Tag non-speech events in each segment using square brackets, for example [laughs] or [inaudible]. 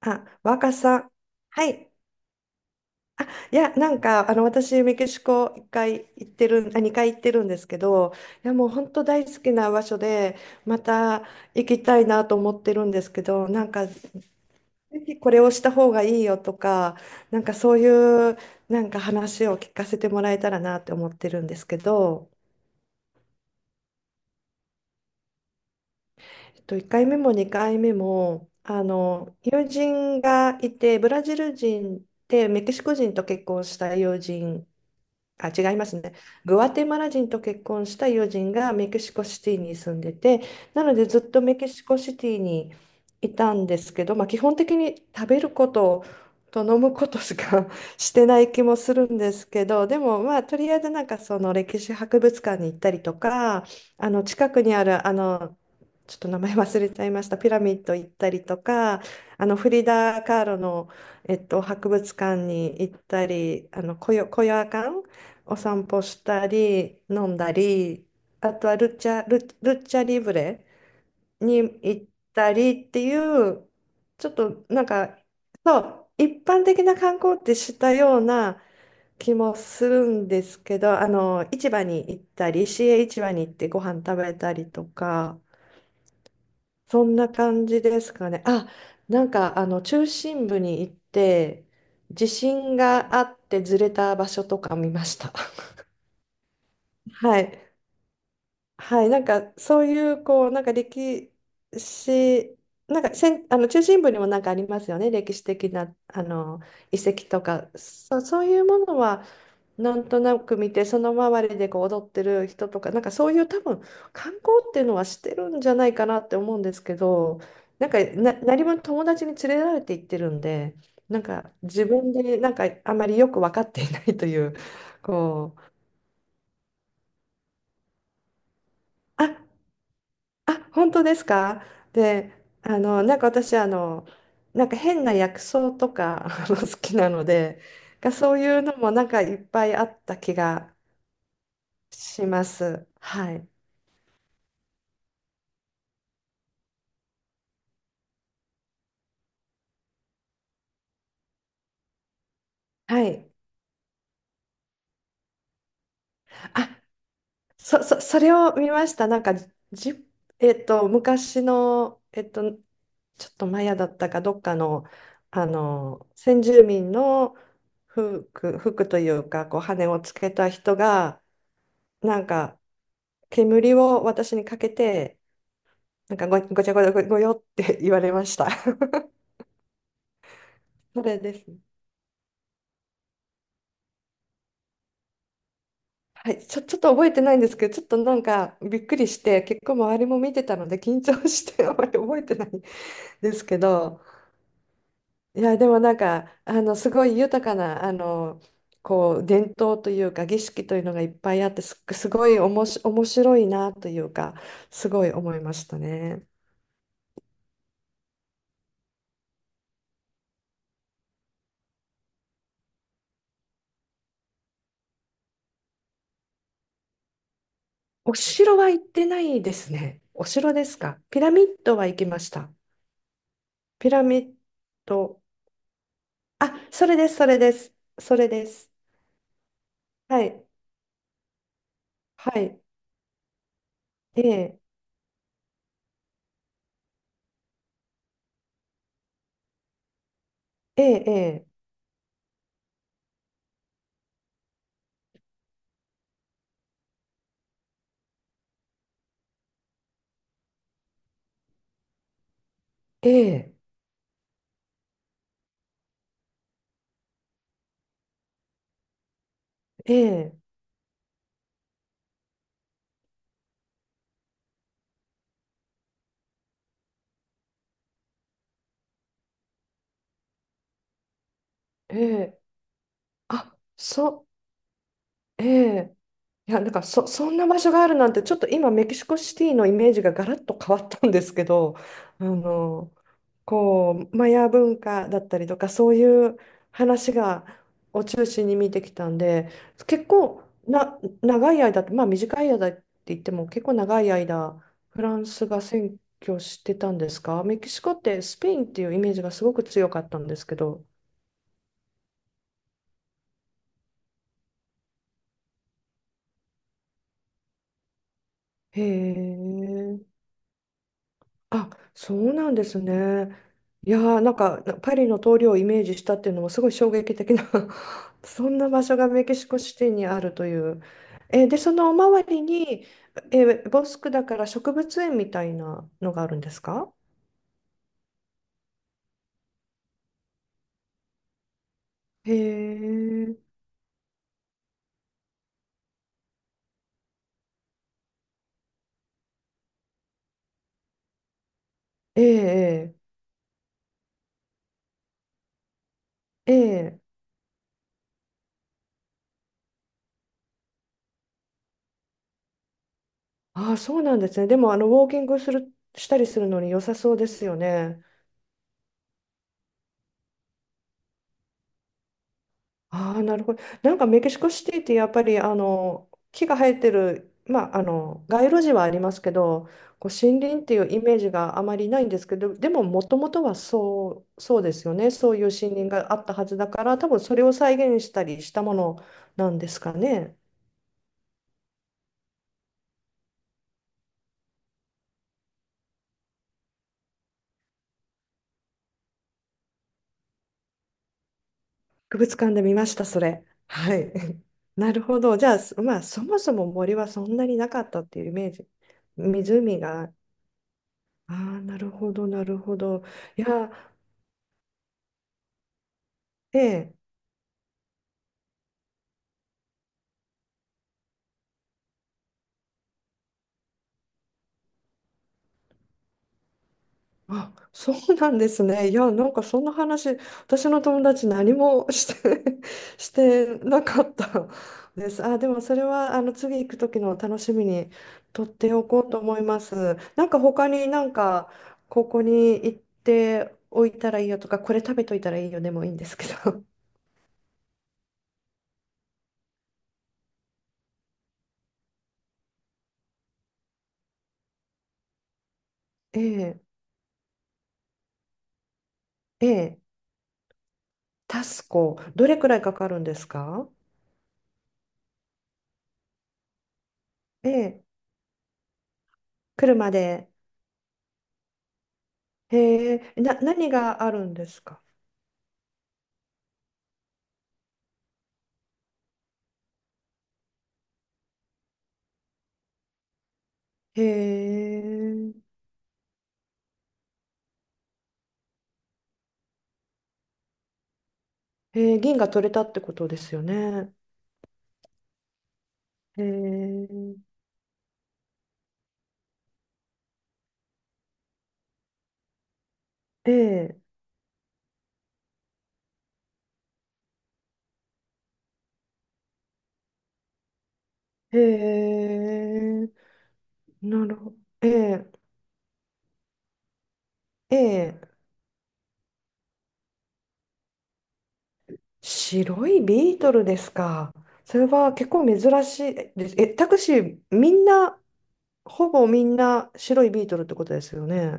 あ、若さ。はい。いや、私、メキシコ一回行ってる、あ、2回行ってるんですけど、いや、もう本当大好きな場所で、また行きたいなと思ってるんですけど、なんか、ぜひこれをした方がいいよとか、なんかそういう、なんか話を聞かせてもらえたらなって思ってるんですけど、1回目も2回目も、友人がいて、ブラジル人で、メキシコ人と結婚した友人、あ、違いますね。グアテマラ人と結婚した友人がメキシコシティに住んでて、なのでずっとメキシコシティにいたんですけど、まあ、基本的に食べることと飲むことしか [laughs] してない気もするんですけど、でもまあとりあえずなんかその歴史博物館に行ったりとか、近くにあるちょっと名前忘れちゃいました、ピラミッド行ったりとか、フリダ・カーロの、博物館に行ったり、コヨアカンお散歩したり、飲んだり、あとはルチャリブレに行ったりっていう、ちょっとなんか、そう、一般的な観光ってしたような気もするんですけど、市場に行ったり、市営市場に行ってご飯食べたりとか、そんな感じですかね。あ、なんか中心部に行って、地震があってずれた場所とか見ました。[laughs] はい。はい、なんかそういうこうなんか歴史なんかせんあの中心部にもなんかありますよね、歴史的な遺跡とかそういうものはなんとなく見て、その周りでこう踊ってる人とかなんかそういう、多分観光っていうのはしてるんじゃないかなって思うんですけど、なんか何分友達に連れられて行ってるんで、なんか自分でなんかあまりよく分かっていないというこう。ああ、本当ですか。で、なんか私、なんか変な薬草とか [laughs] あの好きなので、がそういうのもなんかいっぱいあった気がします。はい。はい。あ、それを見ました。なんか、じ、えっと、昔の、ちょっとマヤだったかどっかの、先住民の服というか、こう、羽をつけた人が、なんか、煙を私にかけて、なんかごちゃごちゃごよって [laughs] 言われました。[laughs] それですね。はい、ちょっと覚えてないんですけど、ちょっとなんかびっくりして、結構周りも見てたので緊張して [laughs] あまり覚えてないですけど、いや、でもなんか、すごい豊かな、こう、伝統というか、儀式というのがいっぱいあって、すごいおもし、面白いなというか、すごい思いましたね。お城は行ってないですね。お城ですか？ピラミッドは行きました。ピラミッド。あ、それです、それです。それです。はい。はい。ええ、ええ、ええ、ええ、ええ、あ、そ、ええ。いや、なんかそんな場所があるなんて、ちょっと今、メキシコシティのイメージがガラッと変わったんですけど、あの、こうマヤ文化だったりとかそういう話を中心に見てきたんで、結構な長い間、まあ短い間って言っても結構長い間フランスが占拠してたんですか？メキシコってスペインっていうイメージがすごく強かったんですけど。へえ。あ、そうなんですね。いやー、なんかパリの通りをイメージしたっていうのもすごい衝撃的な [laughs] そんな場所がメキシコシティにあるという。で、その周りに、ボスクだから植物園みたいなのがあるんですか？へえ、ええ、ええ、あそうなんですね。でも、ウォーキングする、したりするのに良さそうですよね。ああ、なるほど。なんかメキシコシティってやっぱりあの木が生えてる、まあ、あの街路樹はありますけど、こう森林っていうイメージがあまりないんですけど、でももともとはそう、そうですよね。そういう森林があったはずだから、多分それを再現したりしたものなんですかね。博物館で見ました、それ。はい。[laughs] なるほど。じゃあ、まあ、そもそも森はそんなになかったっていうイメージ。湖が。ああ、なるほど、なるほど。いや、ええ。あ、そうなんですね。いや、なんかそんな話、私の友達何もして [laughs] してなかったです。あ、でもそれはあの次行く時の楽しみに取っておこうと思います。なんか他になんかここに行っておいたらいいよとか、これ食べといたらいいよでもいいんですけど。[laughs] ええ、ええ、タスコ、どれくらいかかるんですか？ええ、車で。へえ、何があるんですか？へえ。銀が取れたってことですよね。えー、えー、えー、なるほど。えー、えー、白いビートルですか？それは結構珍しいです。タクシー、みんな、ほぼみんな白いビートルってことですよね。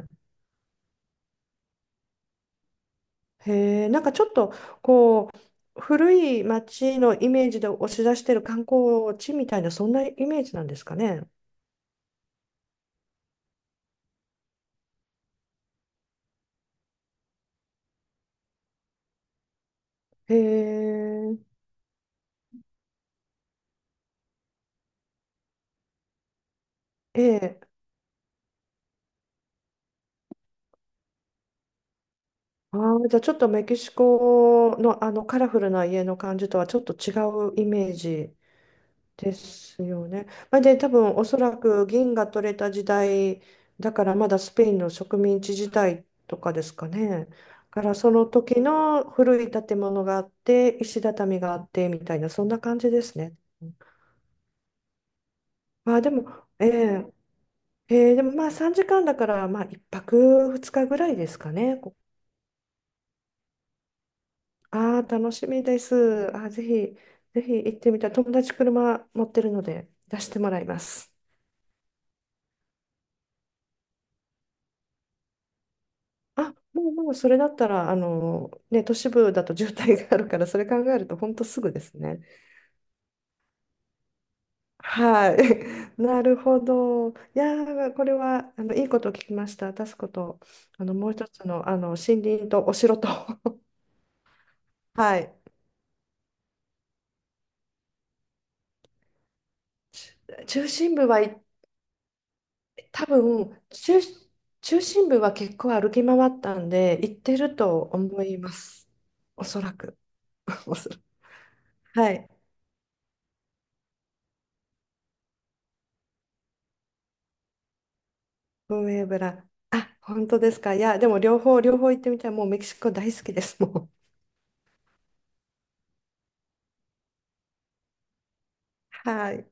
へえ、なんかちょっと、こう、古い街のイメージで押し出してる観光地みたいな、そんなイメージなんですかね。へえ。ええ。あー、じゃあちょっとメキシコの、あのカラフルな家の感じとはちょっと違うイメージですよね。まあ、で多分おそらく銀が取れた時代だから、まだスペインの植民地時代とかですかね。だからその時の古い建物があって石畳があってみたいな、そんな感じですね。まあでも、ええええ、でもまあ3時間だからまあ1泊2日ぐらいですかね。ああ、楽しみです。あー、ぜひ、ぜひ行ってみたい。友達車持ってるので出してもらいます。あ、もうそれだったら、ね、都市部だと渋滞があるから、それ考えると本当すぐですね。はい。[laughs] なるほど。いやー、これは、いいことを聞きました。タスコと。もう一つの、森林とお城と。[laughs] はい。中心部は行っ多分中、中心部は結構歩き回ったんで行ってると思います。おそらく。[laughs] おそらく。はい。ブエブラ。あ、本当ですか？いや、でも両方、両方行ってみたい。もうメキシコ大好きです。もう。はい。